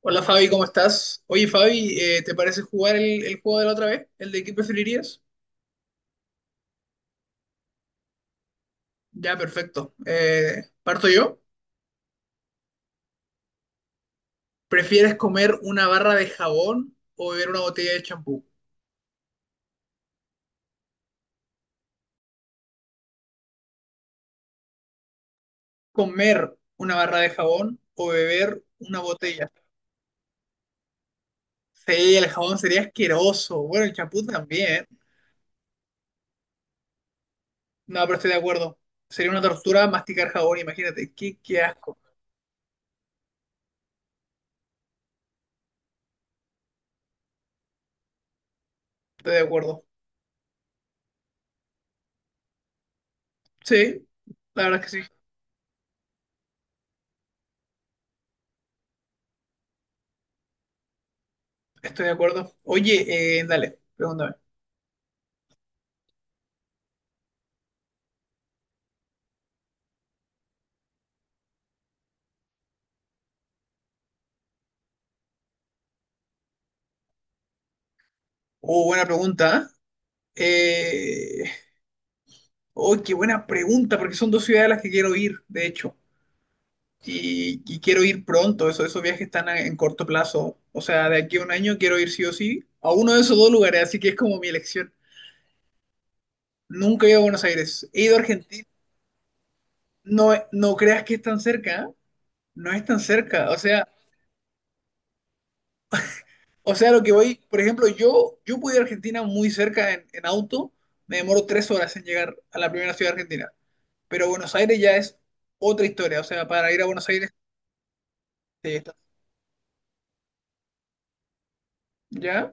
Hola Fabi, ¿cómo estás? Oye Fabi, ¿te parece jugar el juego de la otra vez? ¿El de qué preferirías? Ya, perfecto. ¿Parto yo? ¿Prefieres comer una barra de jabón o beber una botella de champú? ¿Comer una barra de jabón o beber una botella? Sí, el jabón sería asqueroso. Bueno, el champú también. No, pero estoy de acuerdo. Sería una tortura masticar jabón, imagínate. Qué asco. Estoy de acuerdo. Sí, la verdad es que sí. Estoy de acuerdo. Oye, dale, pregúntame. Oh, buena pregunta, ¿eh? Eh, oh, qué buena pregunta, porque son dos ciudades a las que quiero ir, de hecho. Y quiero ir pronto, eso, esos viajes en corto plazo. O sea, de aquí a un año quiero ir sí o sí a uno de esos dos lugares, así que es como mi elección. Nunca he ido a Buenos Aires, he ido a Argentina. No, no creas que es tan cerca, ¿eh? No es tan cerca. O sea, lo que voy, por ejemplo, yo puedo ir a Argentina muy cerca en auto, me demoro tres horas en llegar a la primera ciudad argentina. Pero Buenos Aires ya es otra historia. O sea, para ir a Buenos Aires. Sí, está. ¿Ya?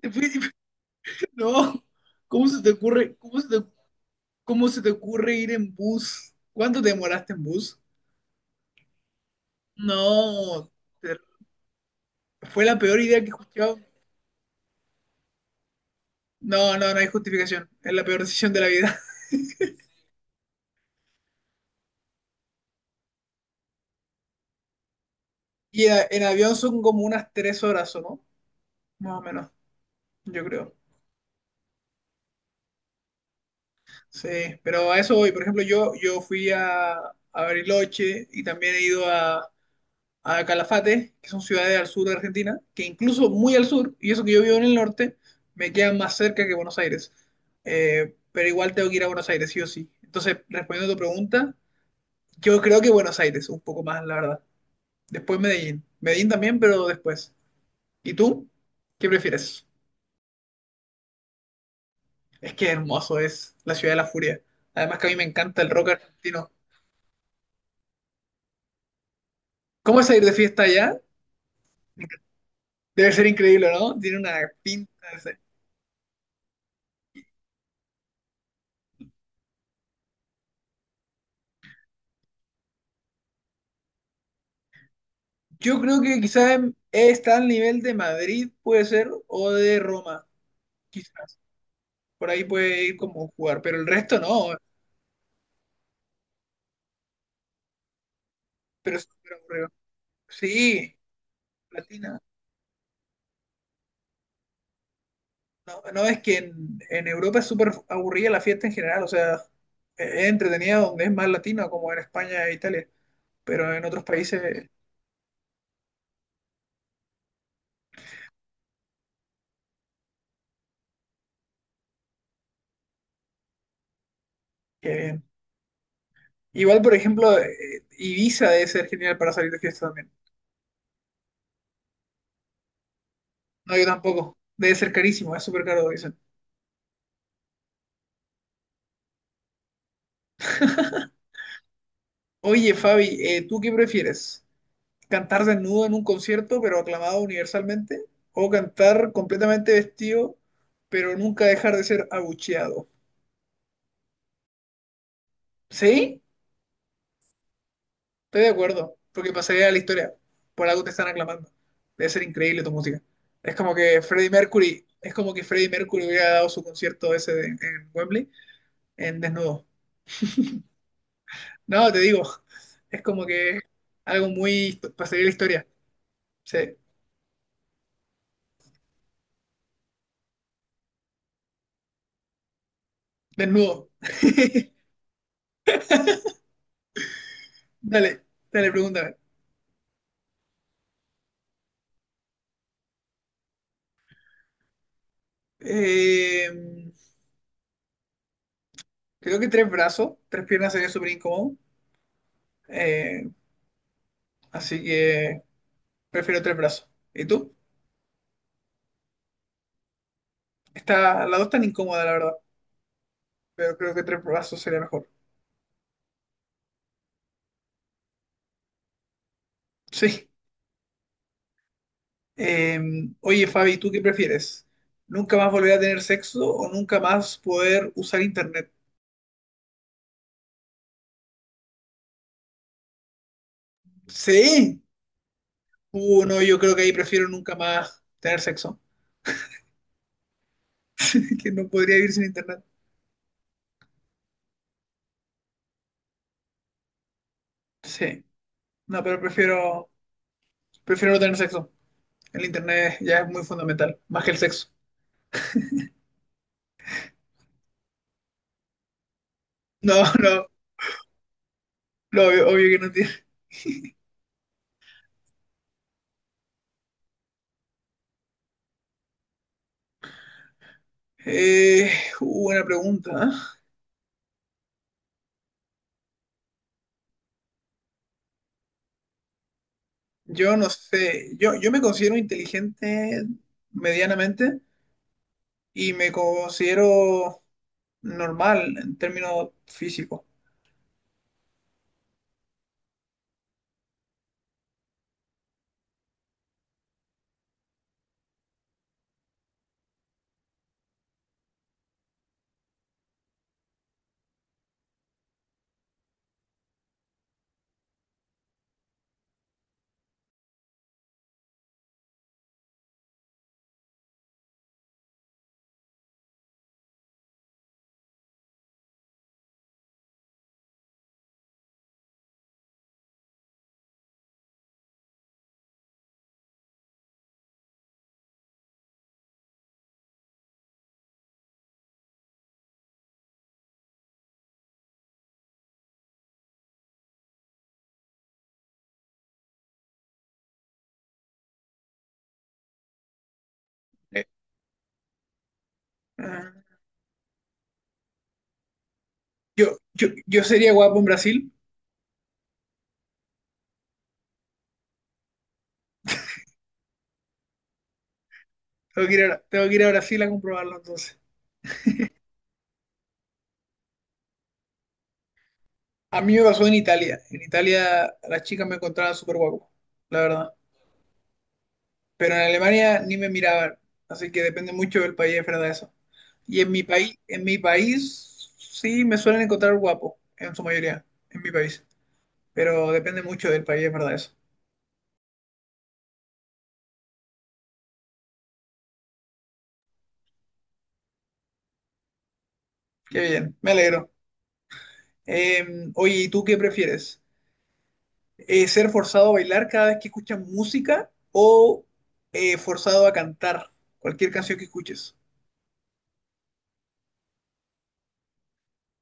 Te fui- diciendo- No. ¿Cómo se te ocurre, cómo se te ocurre ir en bus? ¿Cuánto te demoraste en bus? No. te- Fue la peor idea que he escuchado. No, no, no hay justificación. Es la peor decisión de la vida. ¿Y en avión son como unas tres horas, o no? Más o menos, yo creo. Sí, pero a eso voy. Por ejemplo, yo fui a Bariloche y también he ido a Calafate, que son ciudades al sur de Argentina, que incluso muy al sur, y eso que yo vivo en el norte, me quedan más cerca que Buenos Aires. Pero igual tengo que ir a Buenos Aires, sí o sí. Entonces, respondiendo a tu pregunta, yo creo que Buenos Aires, un poco más, la verdad. Después Medellín. Medellín también, pero después. ¿Y tú? ¿Qué prefieres? Es que hermoso es la ciudad de la furia. Además que a mí me encanta el rock argentino. ¿Cómo es ir de fiesta allá? Debe ser increíble, ¿no? Tiene una pinta. Yo creo que quizás está al nivel de Madrid, puede ser, o de Roma, quizás. Por ahí puede ir como jugar, pero el resto no, pero es súper aburrido. Sí, latina. No, no, es que en Europa es súper aburrida la fiesta en general, o sea, es entretenida donde es más latina, como en España e Italia, pero en otros países, qué bien. Igual, por ejemplo, Ibiza debe ser genial para salir de fiesta también. No, yo tampoco. Debe ser carísimo, es súper caro, dicen. Oye, Fabi, ¿tú qué prefieres? ¿Cantar desnudo en un concierto, pero aclamado universalmente, o cantar completamente vestido, pero nunca dejar de ser abucheado? ¿Sí? Estoy de acuerdo, porque pasaría a la historia. Por algo te están aclamando. Debe ser increíble tu música. Es como que Freddie Mercury, es como que Freddie Mercury hubiera dado su concierto en Wembley en desnudo. No, te digo, es como que algo muy pasaría a la historia. Sí, desnudo. Dale, dale, pregúntame. Eh, Creo que tres brazos, tres piernas sería súper incómodo. eh, así que prefiero tres brazos. ¿Y tú? Está, la dos tan incómoda, la verdad. Pero creo que tres brazos sería mejor. Sí. Eh, oye, Fabi, ¿tú qué prefieres? ¿Nunca más volver a tener sexo o nunca más poder usar internet? Sí. No, yo creo que ahí prefiero nunca más tener sexo. Que no podría vivir sin internet. Sí. No, pero prefiero, prefiero no tener sexo. El internet ya es muy fundamental, más que el sexo. No, no, lo obvio, obvio que no tiene. Eh, buena pregunta, ¿eh? Yo no sé. Yo me considero inteligente medianamente y me considero normal en términos físicos. Eh, eh, yo sería guapo en Brasil. Tengo que ir a, tengo que ir a Brasil a comprobarlo entonces. A mí me pasó en Italia. En Italia las chicas me encontraban súper guapo, la verdad. Pero en Alemania ni me miraban. Así que depende mucho del país, es verdad eso. Y en mi país sí me suelen encontrar guapo, en su mayoría, en mi país. Pero depende mucho del país, es verdad eso. Qué bien, me alegro. Oye, ¿y tú qué prefieres? ¿Ser forzado a bailar cada vez que escuchas música o forzado a cantar cualquier canción que escuches?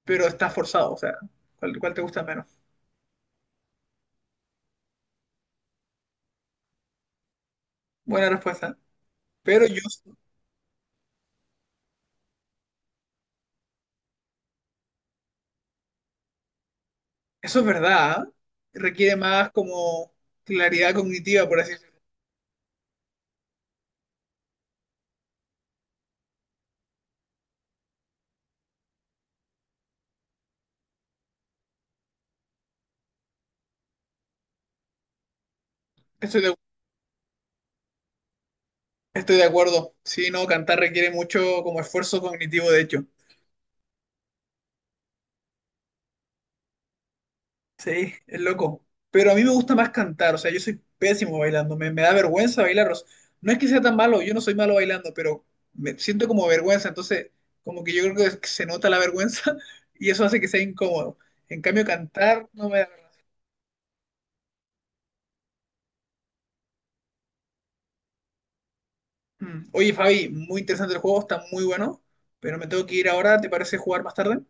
Pero estás forzado, o sea, ¿cuál te gusta menos? Buena respuesta. Pero yo, eso es verdad, ¿ah? Requiere más como claridad cognitiva, por así decirlo. Estoy de Estoy de acuerdo. Sí, no, cantar requiere mucho como esfuerzo cognitivo, de hecho. Sí, es loco. Pero a mí me gusta más cantar, o sea, yo soy pésimo bailando, me da vergüenza bailar. O sea, no es que sea tan malo, yo no soy malo bailando, pero me siento como vergüenza, entonces como que yo creo que que se nota la vergüenza y eso hace que sea incómodo. En cambio, cantar no me da vergüenza. Mm. Oye, Fabi, muy interesante el juego, está muy bueno, pero me tengo que ir ahora, ¿te parece jugar más tarde?